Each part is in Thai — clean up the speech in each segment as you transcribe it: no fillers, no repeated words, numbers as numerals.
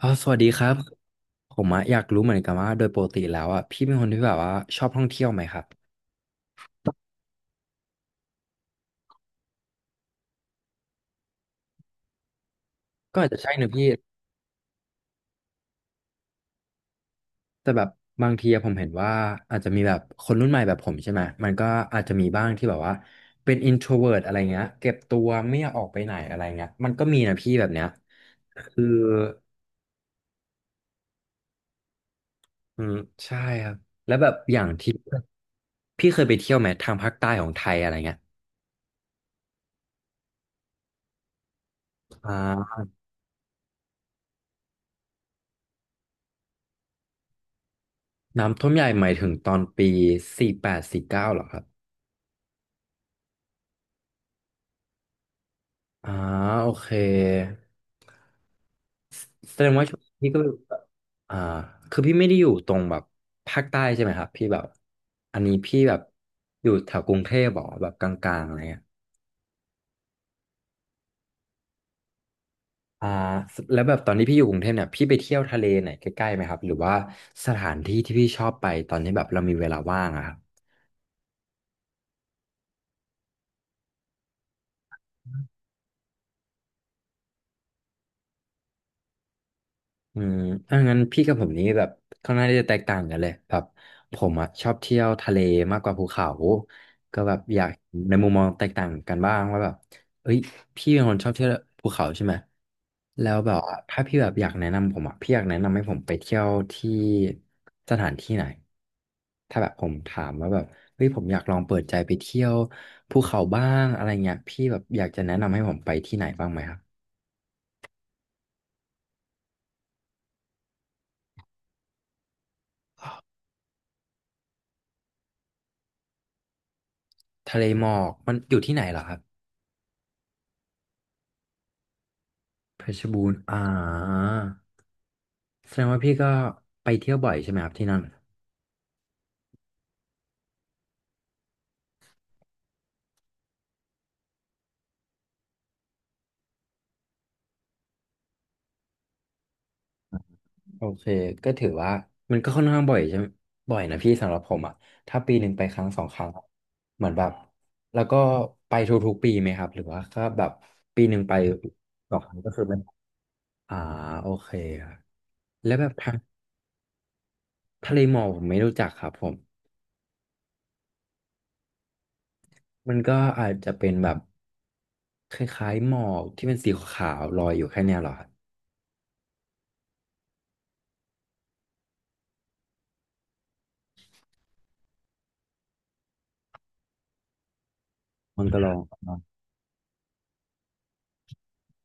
อ๋อสวัสดีครับผมอะอยากรู้เหมือนกันว่าโดยปกติแล้วอะพี่เป็นคนที่แบบว่าชอบท่องเที่ยวไหมครับก็อาจจะใช่นะพี่แต่แบบบางทีอะผมเห็นว่าอาจจะมีแบบคนรุ่นใหม่แบบผมใช่ไหมมันก็อาจจะมีบ้างที่แบบว่าเป็น introvert อะไรเงี้ยเก็บตัวไม่อยากออกไปไหนอะไรเงี้ยมันก็มีนะพี่แบบเนี้ยคืออืมใช่ครับแล้วแบบอย่างที่พี่เคยไปเที่ยวไหมทางภาคใต้ของไทยอะไรเงี้ยอ่าน้ำท่วมใหญ่หมายถึงตอนปี48 49หรอครับ อ่าโอเคแสดงว่าช่วงนี้พี่ก็อยู่แบบอ่าคือพี่ไม่ได้อยู่ตรงแบบภาคใต้ใช่ไหมครับพี่แบบอันนี้พี่แบบอยู่แถวกรุงเทพเหรอแบบกลางๆอะไรเงี้ยอ่าแล้วแบบตอนที่พี่อยู่กรุงเทพเนี่ยพี่ไปเที่ยวทะเลไหนใกล้ๆไหมครับหรือว่าสถานที่ที่พี่ชอบไปตอนที่แบบเรามีเวลาว่างอะครับ อืมถ้างั้นพี่กับผมนี้แบบค่อนข้างที่จะแตกต่างกันเลยแบบผมอ่ะชอบเที่ยวทะเลมากกว่าภูเขาก็แบบอยากในมุมมองแตกต่างกันบ้างว่าแบบเอ้ยพี่เป็นคนชอบเที่ยวภูเขาใช่ไหมแล้วแบบว่าถ้าพี่แบบอยากแนะนำผมอ่ะพี่อยากแนะนำให้ผมไปเที่ยวที่สถานที่ไหนถ้าแบบผมถามว่าแบบเฮ้ยผมอยากลองเปิดใจไปเที่ยวภูเขาบ้างอะไรเงี้ยพี่แบบอยากจะแนะนำให้ผมไปที่ไหนบ้างไหมครับทะเลหมอกมันอยู่ที่ไหนเหรอครับ เพชรบูรณ์อ่าแสดงว่าพี่ก็ไปเที่ยวบ่อยใช่ไหมครับที่นั่นโอเคก็ถือว่ามันก็ค่อนข้างบ่อยใช่ไหมบ่อยนะพี่สำหรับผมอ่ะถ้าปีหนึ่งไปครั้งสองครั้งอะเหมือนแบบแล้วก็ไปทุกๆปีไหมครับหรือว่าก็แบบปีหนึ่งไปสองครั้งก็คือเป็นอ่าโอเคครับแล้วแบบทะเลหมอกผมไม่รู้จักครับผมมันก็อาจจะเป็นแบบคล้ายๆหมอกที่เป็นสีขาวๆลอยอยู่แค่เนี้ยเหรอครับมันก็ลอง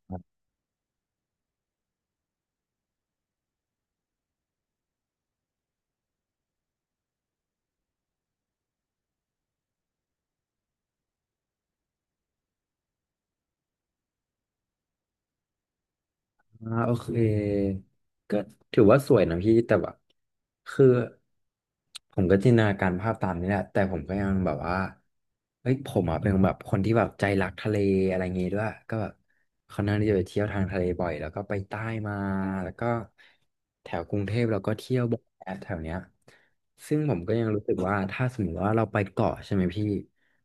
อ่าโอเคก็ถือว่าสวยนะพี่แต่แบบคือผมก็จินตนาการภาพตามนี้แหละแต่ผมก็ยังแบบว่าเฮ้ยผมอ่ะเป็นแบบคนที่แบบใจรักทะเลอะไรเงี้ยด้วยก็แบบค่อนข้างที่จะไปเที่ยวทางทะเลบ่อยแล้วก็ไปใต้มาแล้วก็แถวกรุงเทพเราก็เที่ยวบ่อยแถวเนี้ย ซึ่งผมก็ยังรู้สึกว่าถ้าสมมติว่าเราไปเกาะใช่ไหมพี่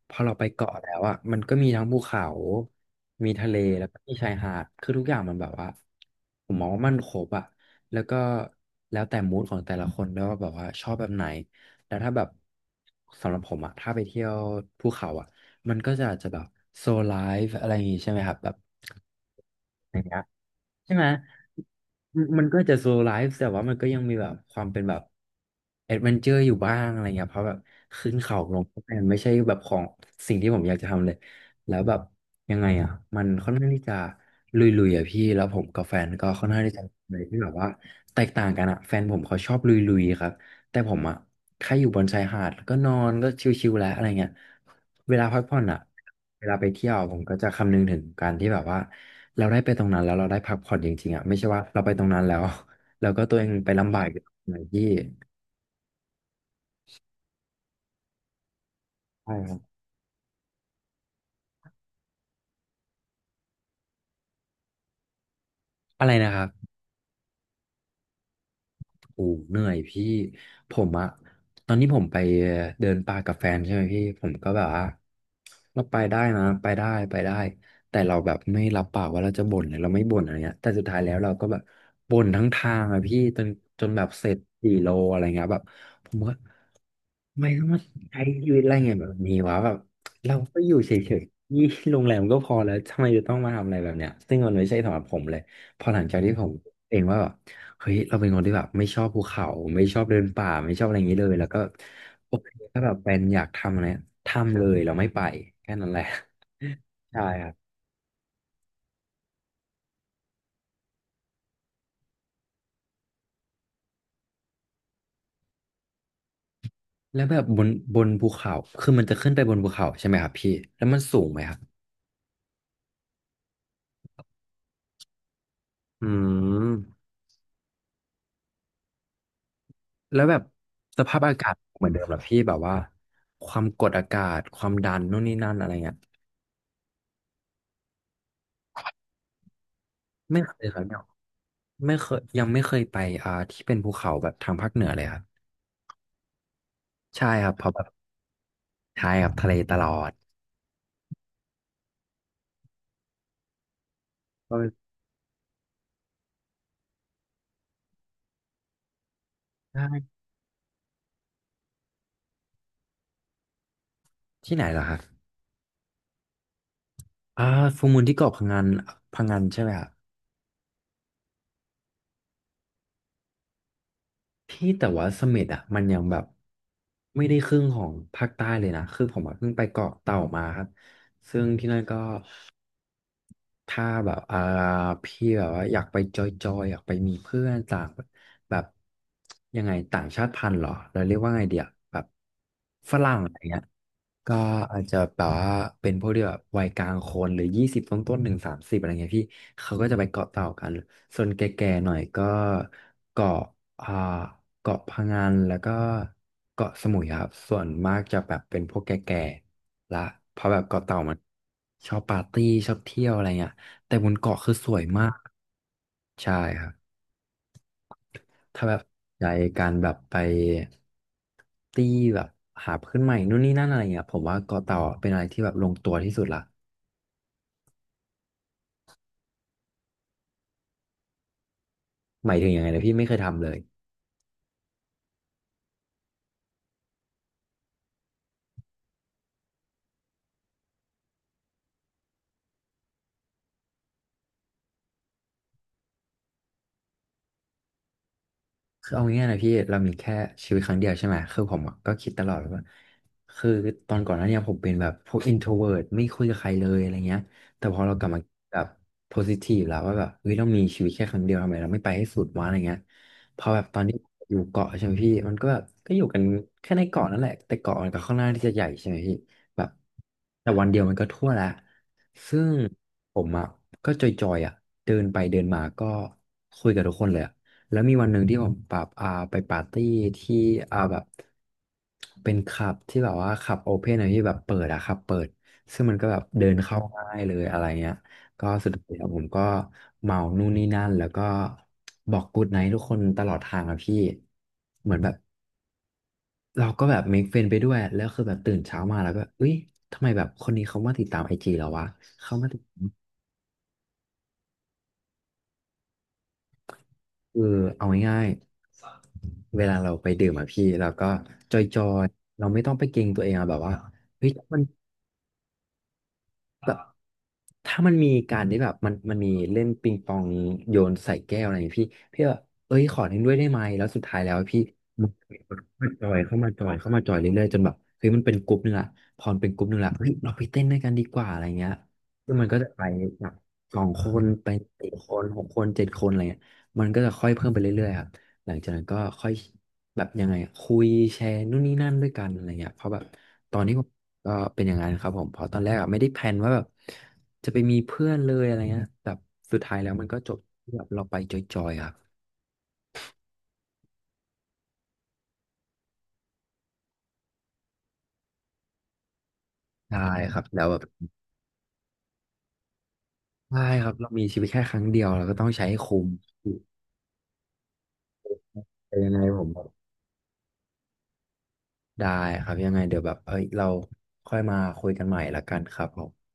พอเราไปเกาะแล้วอ่ะมันก็มีทั้งภูเขา มีทะเลแล้วก็มีชายหาดคือทุกอย่างมันแบบว่าผมมองว่ามันครบอ่ะแล้วก็แล้วแต่มูดของแต่ละคนด้วยว่าแบบว่าชอบแบบไหนแล้วถ้าแบบสำหรับผมอ่ะถ้าไปเที่ยวภูเขาอ่ะ มันก็จะอาจจะแบบโซไลฟ์อะไรอย่างงี้ใช่ไหมครับแบบอย่างเงี้ยใช่ไหมมมันก็จะโซไลฟ์แต่ว่ามันก็ยังมีแบบความเป็นแบบแอดเวนเจอร์อยู่บ้างอะไรเงี้ยเพราะแบบขึ้นเขาลงเขามันไม่ใช่แบบของสิ่งที่ผมอยากจะทำเลยแล้วแบบยังไงอ่ะมันค่อนข้างที่จะลุยๆอ่ะพี่แล้วผมกับแฟนก็ค่อนข้างที่จะเลยที่แบบว่าแตกต่างกันอ่ะแฟนผมเขาชอบลุยๆครับ แต่ผมอะแค่อยู่บนชายหาดแล้วก็นอนก็ชิลๆแล้วอะไรเงี้ยเวลาพักผ่อนอะเวลาไปเที่ยวผมก็จะคำนึงถึงการที่แบบว่าเราได้ไปตรงนั้นแล้วเราได้พักผ่อนจริงๆอะไม่ใช่ว่าเราไปตรงนั้นแล้ว แล้วก็ตัวเองไปลำบากอยู่ตรงไหนที่ใช่ครับอะไรนะครับ โอ้เหนื่อยพี่ผมอะตอนนี้ผมไปเดินป่ากับแฟนใช่ไหมพี่ผมก็แบบว่าเราไปได้นะไปได้ไปได้แต่เราแบบไม่รับปากว่าเราจะบ่นหรือเราไม่บ่นอะไรเงี้ยแต่สุดท้ายแล้วเราก็แบบบ่นทั้งทางอะพี่จนแบบเสร็จ4 โลอะไรเงี้ยแบบผมก็ไม่ต้องมาใช้ชีวิตอะไรเงี้ยแบบนี้วะแบบเราก็อยู่เฉยๆนี่โรงแรมก็พอแล้วทำไมจะต้องมาทำอะไรแบบเนี้ยซึ่งมันไม่ใช่สำหรับผมเลยพอหลังจากที่ผมเองว่าแบบ เฮ้ยเราเป็นคนที่แบบไม่ชอบภูเขาไม่ชอบเดินป่าไม่ชอบอะไรอย่างนี้เลยแล้วก็โอเคถ้าแบบเป็นอยากทำอะไรทำเลยเราไม่ไปแค่นั้นแหละ ใช่ครับแล้วแบบบนภูเขาคือมันจะขึ้นไปบนภูเขาใช่ไหมครับพี่แล้วมันสูงไหมครับอืมแล้วแบบสภาพอากาศเหมือนเดิมเหรอพี่แบบว่าความกดอากาศความดันนู่นนี่นั่นอะไรเงี้ยไม่เคยครับเนี่ยไม่เคยยังไม่เคยไปที่เป็นภูเขาแบบทางภาคเหนือเลยครับใช่ครับเพราะแบบใช่ครับทะเลตลอด เออใช่ที่ไหนเหรอครับอ่าฟูลมูลที่เกาะพังงนพังงนใช่ไหมครับพี่แต่ว่าเสม็ดอ่ะมันยังแบบไม่ได้ครึ่งของภาคใต้เลยนะคือผมอะเพิ่งไปเกาะเต่ามาครับซึ่งที่นั่นก็ถ้าแบบพี่แบบว่าอยากไปจอยๆอยากไปมีเพื่อนต่างแบบยังไงต่างชาติพันธุ์เหรอเราเรียกว่าไงเดียแบบฝรั่งอะไรเงี้ย ก็อาจจะแบบว่าเป็นพวกที่แบบวัยกลางคนหรือ20 ต้นๆหนึ่ง30อะไรเงี้ยพี่เขาก็จะไปเกาะเต่ากันส่วนแก่ๆหน่อยก็เกาะอ่าเกาะพะงันแล้วก็เกาะสมุยครับส่วนมากจะแบบเป็นพวกแก่ๆละเพราะแบบเกาะเต่ามันชอบปาร์ตี้ชอบเที่ยวอะไรเงี้ยแต่บนเกาะคือสวยมากใช่ครับ ถ้าแบบใจการแบบไปตีแบบหาเพื่อนใหม่นู่นนี่นั่นอะไรเงี้ยผมว่าเกาะเต่าเป็นอะไรที่แบบลงตัวที่สุดละหมายถึงยังไงนะพี่ไม่เคยทำเลย คือเอาง่ายๆนะพี่เรามีแค่ชีวิตครั้งเดียวใช่ไหมคือผมอะก็คิดตลอดว่าคือตอนก่อนหน้าเนี้ผมเป็นแบบพวก introvert ไม่คุยกับใครเลยอะไรเงี้ยแต่พอเรากลับมาแบบ positive แล้วว่าแบบเฮ้ยเรามีชีวิตแค่ครั้งเดียวทำไมเราไม่ไปให้สุดวะอะไรเงี้ยพอแบบตอนที่อยู่เกาะใช่ไหมพี่มันก็แบบก็อยู่กันแค่ในเกาะนั่นแหละแต่เกาะมันก็ค่อนข้างที่จะใหญ่ใช่ไหมพี่แบบแต่วันเดียวมันก็ทั่วละซึ่งผมอ่ะก็จอยๆอ่ะเดินไปเดินมาก็คุยกับทุกคนเลยอะ แล้วมีวันหนึ่งที่ผมแบบไปปาร์ตี้ที่แบบเป็นคลับที่แบบว่าคลับโอเพนอะที่แบบเปิดอะคลับเปิดซึ่งมันก็แบบเดินเข้าง่ายเลยอะไรเงี้ยก็สุดท้ายแล้วผมก็เมานู่นนี่นั่นแล้วก็บอกกูดไนท์ทุกคนตลอดทางอะพี่เหมือนแบบเราก็แบบเมคเฟนไปด้วยแล้วคือแบบตื่นเช้ามาแล้วก็เอ้ยทำไมแบบคนนี้เขามาติดตามIGเราวะเขามาติดเออเอาง่ายๆ เวลาเราไปดื่มอะพี่เราก็จอยๆเราไม่ต้องไปเกรงตัวเองอะแบบว่าเฮ้ยมันแบบถ้ามันมีการที่แบบมันมีเล่นปิงปองโยนใส่แก้วอะไรอย่างเงี้ยพี่พี่แบบเอ้ยขอเล่นด้วยได้ไหมแล้วสุดท้ายแล้วพี่ มาจอยเข้ามาจอยเข้ามาจอยเรื่อยๆจนแบบเฮ้ยมันเป็นกลุ่มนึงละพอมันเป็นกลุ่มนึงละเฮ้ยเราไปเต้นด้วยกันดีกว่าอะไรเงี้ยซึ่งมันก็จะไปแบบสองคนไปสี่คนหกคนเจ็ดคนอะไรเงี้ยมันก็จะค่อยเพิ่มไปเรื่อยๆครับหลังจากนั้นก็ค่อยแบบยังไงอะคุยแชร์นู่นนี่นั่นด้วยกันอะไรเงี้ยเพราะแบบตอนนี้ผมก็เป็นอย่างนั้นครับผมเพราะตอนแรกอะไม่ได้แพลนว่าแบบจะไปมีเพื่อนเลยอะไรเงี้ยแต่สุดท้ายแล้วมันก็จบที่แบบเราไปจอยๆครับได้ครับแล้วแบบ ใช่ครับเรามีชีวิตแค่ครั้งเดียวเราก็ต้องใช้ให้คุ้มแต่ยังไงผมแบบได้ครับยังไงเดี๋ยวแบบเอ้ยเราค่อยมาคุยกันใหม่ละกันครับผม